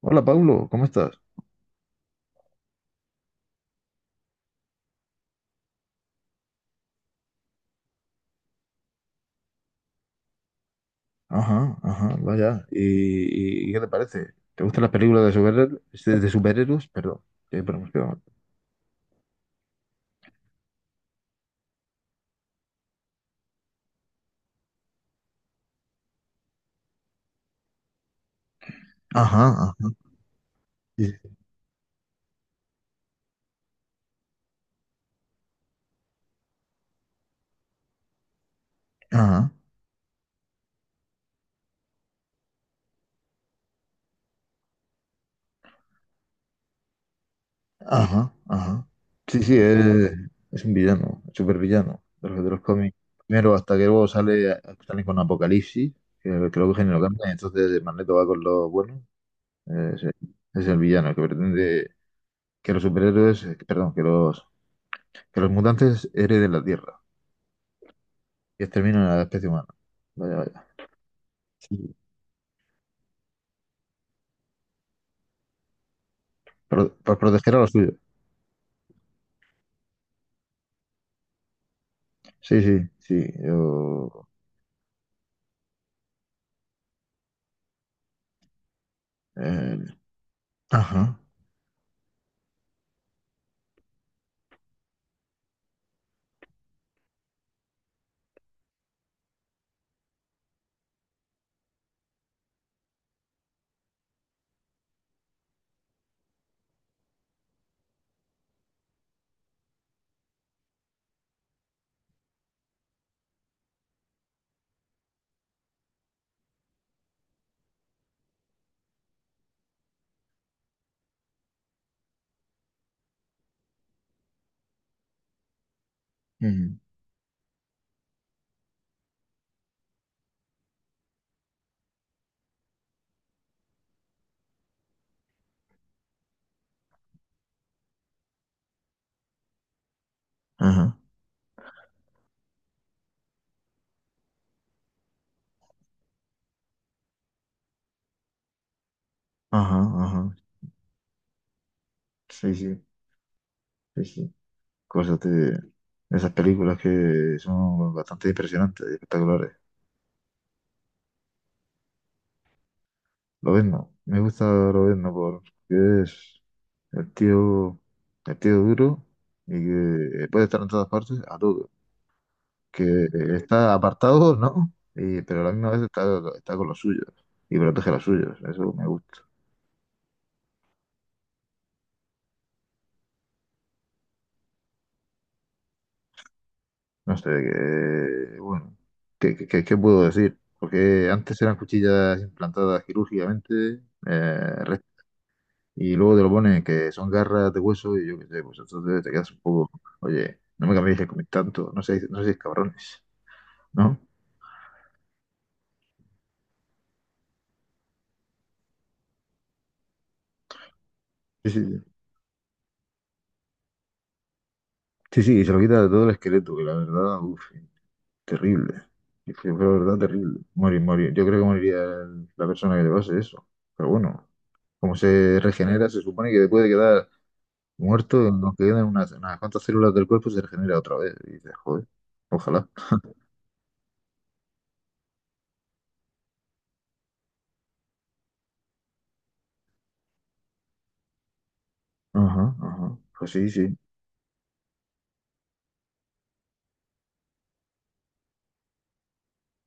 Hola Pablo, ¿cómo estás? Ajá, ajá, vaya. Y qué te parece? ¿Te gustan las películas de superhéroes? De superhéroes, perdón. Pero me quedo- Ajá, ajá, sí, sí, ajá, ajá, ajá. Sí, sí, es un villano, supervillano de los cómics. Primero, hasta que luego sale, sale con Apocalipsis, que luego que lo cambia, entonces Magneto va con los buenos. Eh, Es, el es el villano que pretende que los superhéroes, perdón, que los mutantes hereden la Tierra. Y exterminan a la especie humana. Vaya, vaya. Sí. Por, por proteger a los suyos. Sí, sí, sí. Yo. eh, ajá. Ujú. Ajá. Ajá, ajá. Sí, sí, sí, sí. Cosas de esas películas que son bastante impresionantes y espectaculares. Lobezno. Me gusta Lobezno porque es el tío, el tío duro y que puede estar en todas partes a todo. Que está apartado, ¿no? Y, pero a la misma vez está, está con los suyos y protege a los suyos. Eso me gusta. No sé, que, bueno, ¿qué, qué, qué- qué puedo decir? Porque antes eran cuchillas implantadas quirúrgicamente re- y luego te lo ponen que son garras de hueso y yo qué sé, pues entonces te quedas un poco, oye, no me cambiéis de comer tanto, no seáis, no seáis cabrones, ¿no? Sí, sí, sí, sí, y se lo quita de todo el esqueleto, que la verdad, uff, terrible. Y fue la verdad terrible. Morir, morir. Yo creo que moriría el- la persona que le pase eso. Pero bueno, como se regenera, se supone que después de quedar muerto, en lo que quedan unas, unas cuantas células del cuerpo se regenera otra vez. Y dices, joder, ojalá. Ajá, ajá. Pues sí, sí.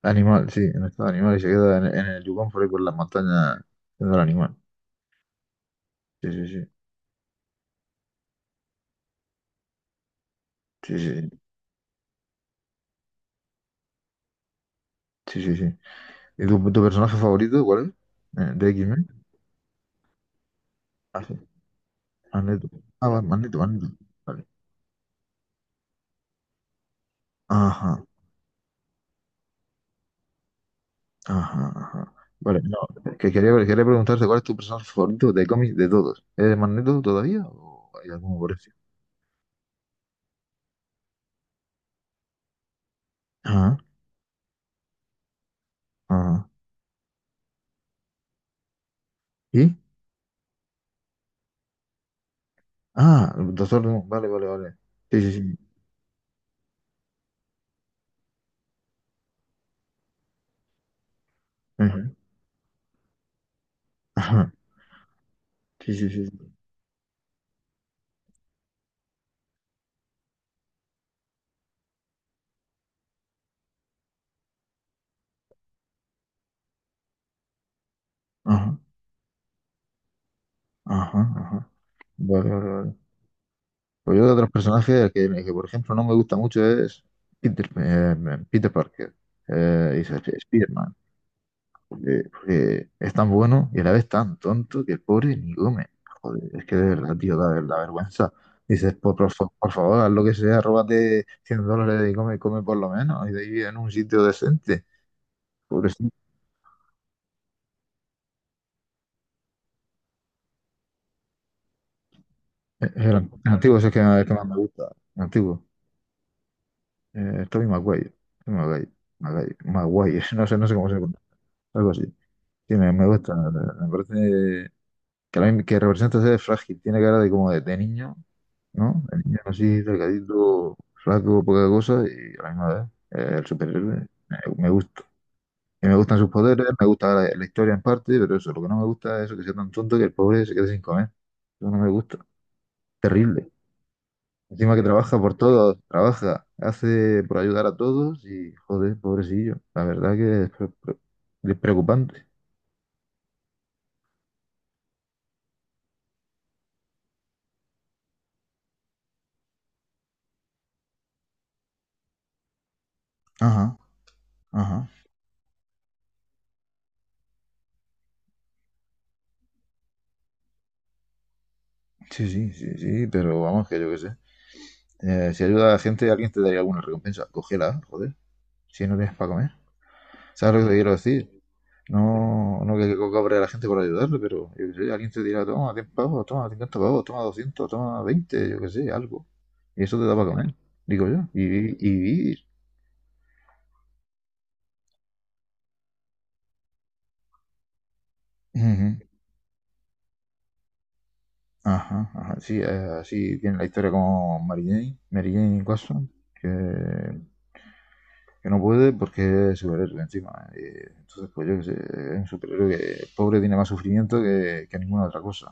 Animal, sí, en estado animal y se queda en el Yukon por ahí por las montañas siendo el animal. Sí, sí, sí. Sí, sí, sí. Sí, sí, sí. ¿Y tu personaje favorito cuál es? ¿De X-Men? Ah, sí. Magneto. Ah, va, Magneto, Magneto. Vale. Ajá. Ajá, ajá. Vale, no, que quería, quería preguntarte cuál es tu personaje favorito de cómics de todos. ¿Eres Magneto todavía o hay alguno por eso? Ajá, ajá. ¿Y? Ah, Doctor Doom, vale, vale, vale. Sí, sí, sí. Ajá, ajá. Sí, sí, sí. Sí. Ajá, ajá, ajá. Vale, vale, vale. Pues yo de otros personajes que, por ejemplo, no me gusta mucho es Peter, Peter Parker. Y Spider-Man. Porque, porque es tan bueno y a la vez tan tonto que el pobre ni come. Joder, es que de verdad, tío, da ver- la vergüenza. Dices, por, fa- por favor, haz lo que sea, róbate 100 dólares y come, come por lo menos. Y de ahí en un sitio decente. Pobrecito. El, an- el antiguo si es el que más me gusta. El antiguo. Tobey Maguire. Tobey Maguire. Maguire. Maguire. No sé, no sé cómo se pronuncia. Algo así. Sí, me gusta. Me parece que, la, que representa ser frágil. Tiene cara de como de niño, ¿no? El niño así, delgadito, flaco, poca cosa, y a la misma vez, el superhéroe, me gusta. Y me gustan sus poderes, me gusta la, la historia en parte, pero eso, lo que no me gusta es eso, que sea tan tonto que el pobre se quede sin comer. Eso no me gusta. Terrible. Encima que trabaja por todos, trabaja, hace por ayudar a todos y, joder, pobrecillo. La verdad que es, pre- pre- es preocupante. Ajá, ajá. Sí, sí, sí, sí, pero vamos, que yo qué sé. Si ayuda a la gente, alguien te daría alguna recompensa. Cógela, joder, si no tienes para comer. ¿Sabes lo que te quiero decir? No, no que, que cobre a la gente por ayudarle, pero yo qué sé, alguien te dirá, toma 10 pavos, toma 50 pavos, toma 200, toma 20, yo qué sé, algo. Y eso te da para comer, digo yo, y, vi- y vivir. Ujú. Ajá, ajá, sí, así tiene la historia como Mary Jane, Mary Jane Watson, que no puede porque es superhéroe encima. Entonces, pues yo qué sé, es un superhéroe que pobre tiene más sufrimiento que ninguna otra cosa.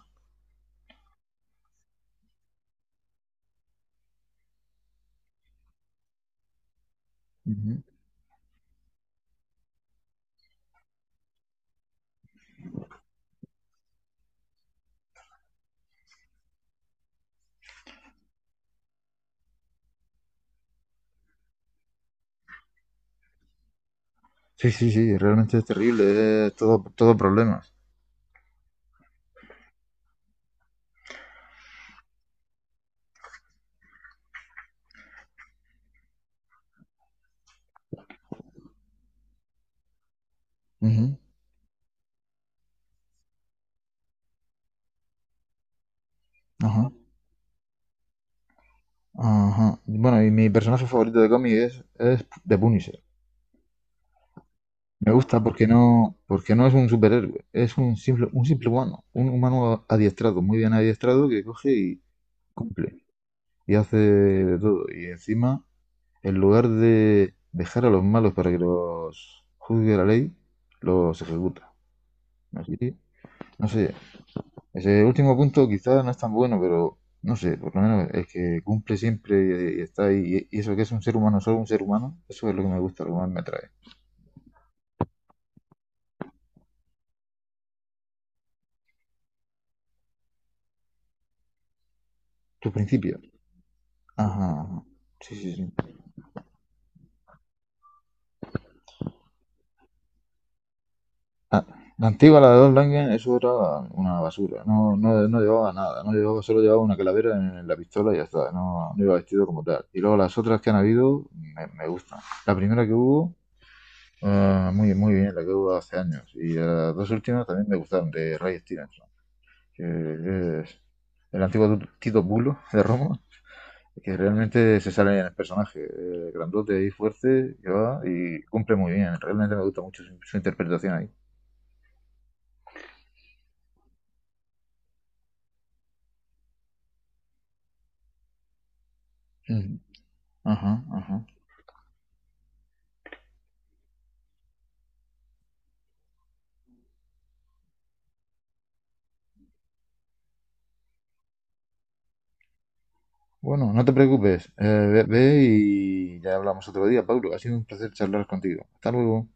Ujú. Sí, sí, sí, realmente es terrible, es todo, todo problemas. Ujú. Ajá, ajá. Bueno, y mi personaje favorito de cómic es The Punisher. Me gusta porque no es un superhéroe, es un simple humano, un humano adiestrado, muy bien adiestrado, que coge y cumple y hace de todo. Y encima, en lugar de dejar a los malos para que los juzgue la ley, los ejecuta. Así, no sé, ese último punto quizás no es tan bueno, pero no sé, por lo menos es que cumple siempre y está ahí. Y eso que es un ser humano, solo un ser humano, eso es lo que me gusta, lo que más me atrae. Tus principios. Ajá, ajá. Sí, sí, sí. Ah, la antigua, la de Don Langen, eso era una basura. No, no, no llevaba nada, no llevaba, solo llevaba una calavera en la pistola y ya está, no, no iba vestido como tal. Y luego las otras que han habido me, me gustan. La primera que hubo, ah, muy, muy bien, la que hubo hace años. Y las dos últimas también me gustaron, de Ray Stevenson. Que es el antiguo Tito Bulo de Roma, que realmente se sale en el personaje, grandote y fuerte, que va y cumple muy bien. Realmente me gusta mucho su, su interpretación ahí. Ujú. Ajá, ajá. Bueno, no te preocupes, ve, ve y ya hablamos otro día, Pablo. Ha sido un placer charlar contigo. Hasta luego.